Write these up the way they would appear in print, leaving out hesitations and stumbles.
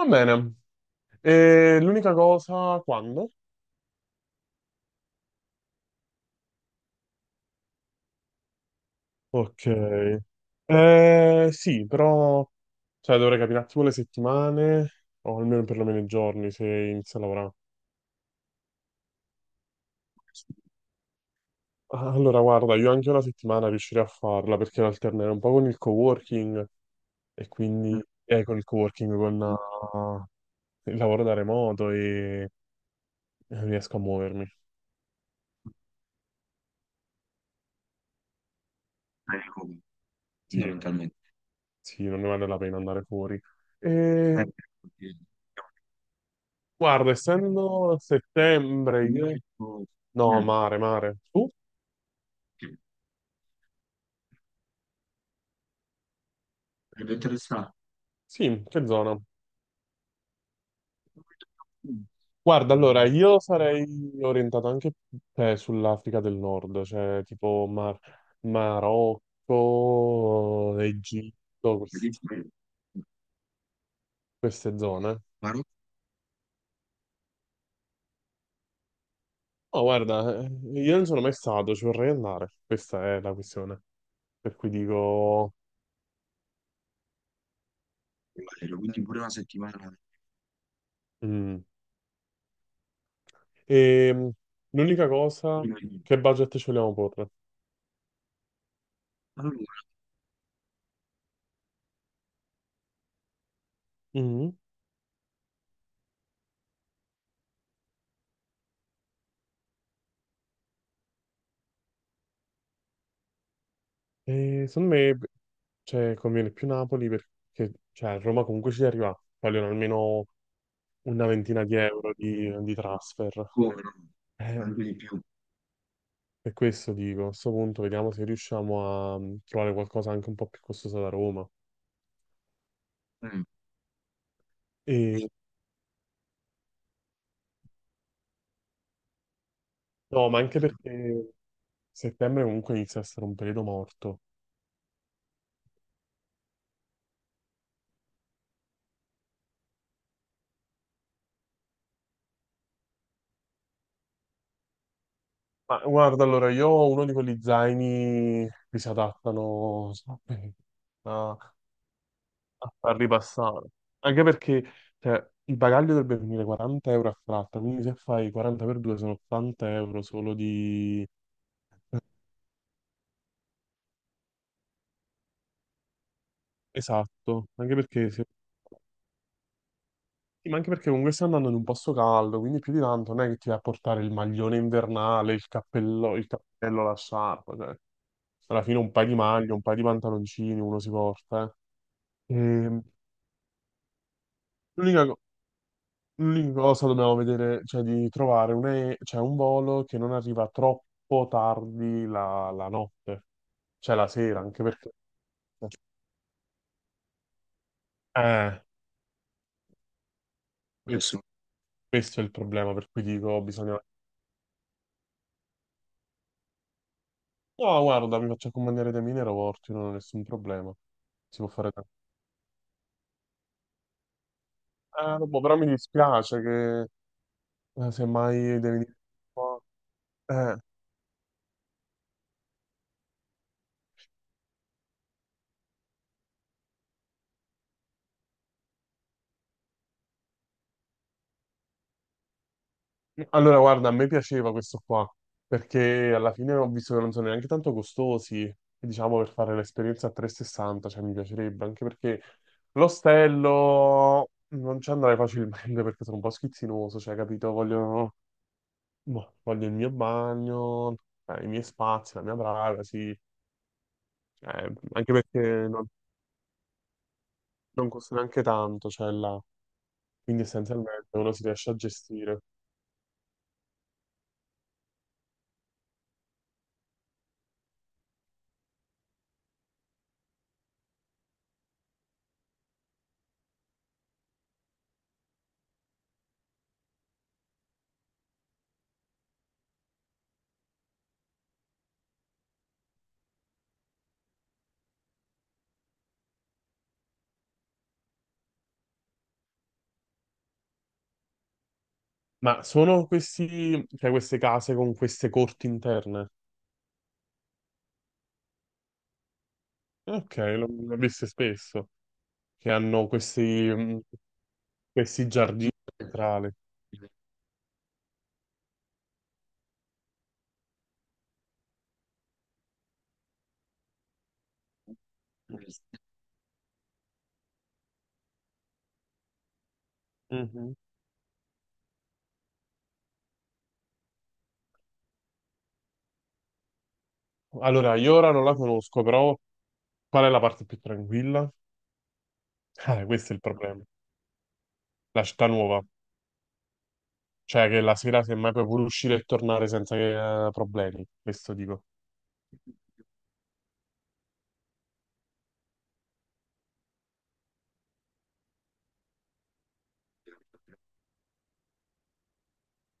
Va bene. E l'unica cosa, quando? Ok. Sì, però dovrei capire un attimo le settimane, o almeno perlomeno i giorni, se inizio a lavorare. Guarda, io anche una settimana riuscirei a farla perché la alternerò un po' con il coworking e quindi con il coworking, il lavoro da remoto e riesco a muovermi. Sì, sì, non ne vale la pena andare fuori. Eh, E Eh. Guarda, essendo a settembre, io... No, mare. Tu? Sì, che zona? Io sarei orientato anche sull'Africa del Nord, cioè tipo Marocco, Egitto, queste zone. No, guarda, io non sono mai stato, ci vorrei andare. Questa è la questione. Per cui dico... Mm. Ehm, L'unica cosa, che budget ci vogliamo porre? Mm. E secondo me, beh, conviene più Napoli perché a Roma comunque ci arriva, vogliono almeno una ventina di euro di transfer. Ehm, per questo dico, a questo punto vediamo se riusciamo a trovare qualcosa anche un po' più costoso da Roma. E, no, ma anche perché settembre comunque inizia a essere un periodo morto. Ma guarda, allora, io ho uno di quegli zaini che si adattano a a far ripassare. Anche perché il bagaglio dovrebbe venire 40 euro a tratta, quindi se fai 40 per 2 sono 80 euro solo di... Esatto, anche perché, sì, ma anche perché comunque stai andando in un posto caldo, quindi più di tanto non è che ti vai a portare il maglione invernale, il cappello, la sciarpa, cioè. Alla fine un paio di maglie, un paio di pantaloncini uno si porta, eh. E L'unica cosa... L'unica cosa dobbiamo vedere, di trovare cioè, un volo che non arriva troppo tardi la notte, cioè la sera, anche perché... Eh, questo, questo è il problema, per cui dico, bisogna... No, guarda, mi faccio accompagnare dai miei aeroporti, non ho nessun problema. Si può fare tanto. Boh, però mi dispiace che semmai devi... dire- Eh, guarda, a me piaceva questo qua, perché alla fine ho visto che non sono neanche tanto costosi, e diciamo, per fare l'esperienza a 360, cioè mi piacerebbe, anche perché l'ostello non ci andrei facilmente perché sono un po' schizzinoso, cioè, capito? Voglio, boh, voglio il mio bagno, i miei spazi, la mia privacy, anche perché non costa neanche tanto, cioè, là. Quindi essenzialmente uno si riesce a gestire. Ma sono questi, cioè queste case con queste corti interne? Ok, l'ho viste spesso, che hanno questi, mh, questi giardini centrali. Mhm. Allora, io ora non la conosco, però qual è la parte più tranquilla? Questo è il problema. La città nuova, cioè che la sera semmai puoi pure uscire e tornare senza che, problemi, questo dico.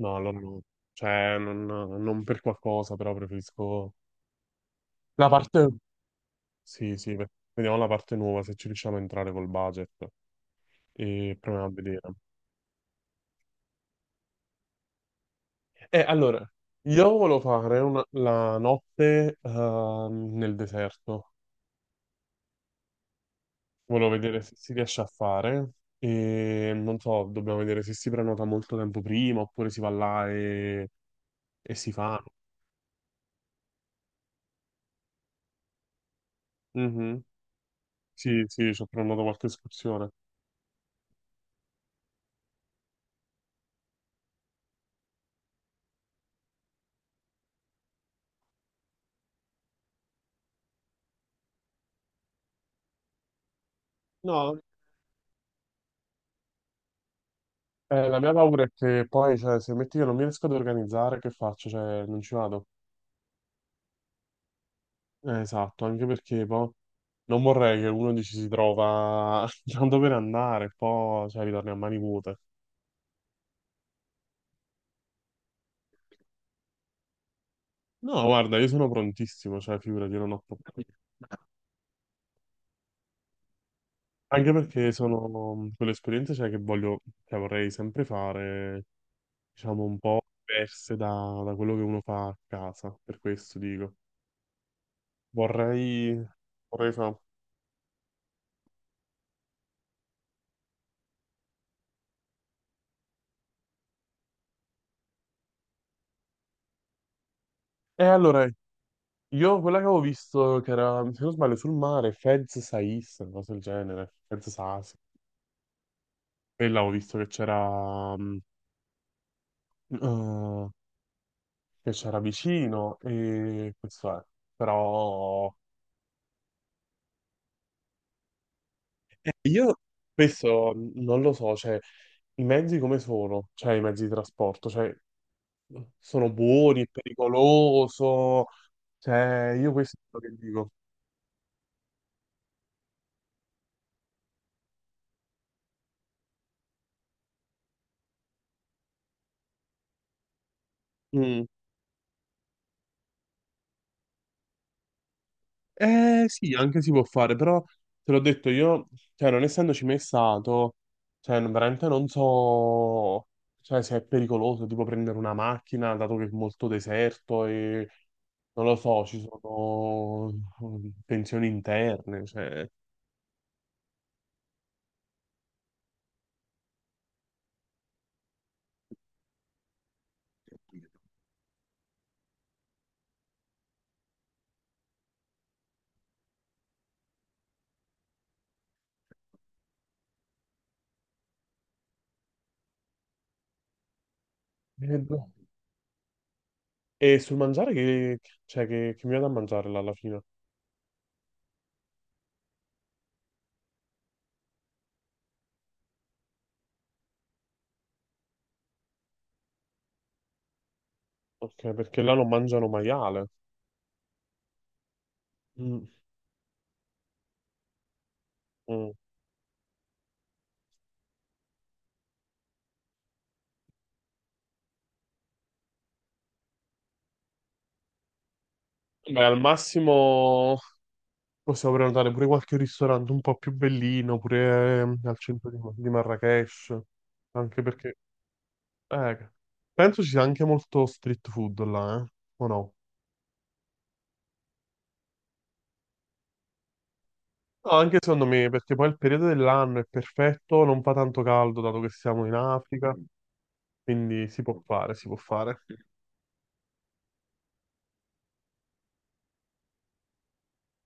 No, allora no. Cioè, non per qualcosa, però preferisco... La parte... Sì, sì, vediamo la parte nuova, se ci riusciamo a entrare col budget e proviamo a vedere. Eh, allora, io volevo fare la notte nel deserto, volevo vedere se si riesce a fare e non so, dobbiamo vedere se si prenota molto tempo prima oppure si va là e si fa. Mhm. Sì, sì, ci ho prenotato qualche escursione. No, la mia paura è che poi, cioè, se metti che non mi riesco ad organizzare, che faccio? Cioè, non ci vado. Esatto, anche perché poi non vorrei che uno dici si trova non dove andare, e poi cioè, ritorni a mani vuote. No, guarda, io sono prontissimo, cioè figurati, io non ho problemi. Anche perché sono quell'esperienza che voglio, cioè, vorrei sempre fare, diciamo, un po' diverse da quello che uno fa a casa, per questo dico. Vorrei, vorrei fare... E allora, io quella che avevo visto, che era, se non sbaglio, sul mare, Fez Saiz, una cosa del genere, Fez Saiz. E l'avevo visto eh, che c'era vicino e questo è. Però io spesso non lo so, cioè i mezzi come sono? Cioè i mezzi di trasporto, cioè sono buoni, è pericoloso, cioè io questo è quello che dico. Mm. Eh sì, anche si può fare, però te l'ho detto io, cioè non essendoci mai stato, cioè veramente non so, cioè, se è pericoloso, tipo prendere una macchina, dato che è molto deserto e non lo so, ci sono tensioni interne, cioè... E, e sul mangiare cioè, che mi vado a mangiare là alla fine? Ok, perché là non mangiano maiale. Mm, mm. Beh, al massimo. Possiamo prenotare pure qualche ristorante un po' più bellino, pure al centro di Marrakesh, anche perché eh, penso ci sia anche molto street food là, o no? No, anche secondo me, perché poi il periodo dell'anno è perfetto, non fa tanto caldo dato che siamo in Africa, quindi si può fare.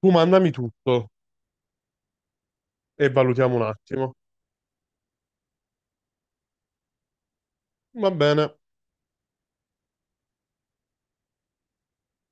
Tu mandami tutto e valutiamo un attimo. Va bene.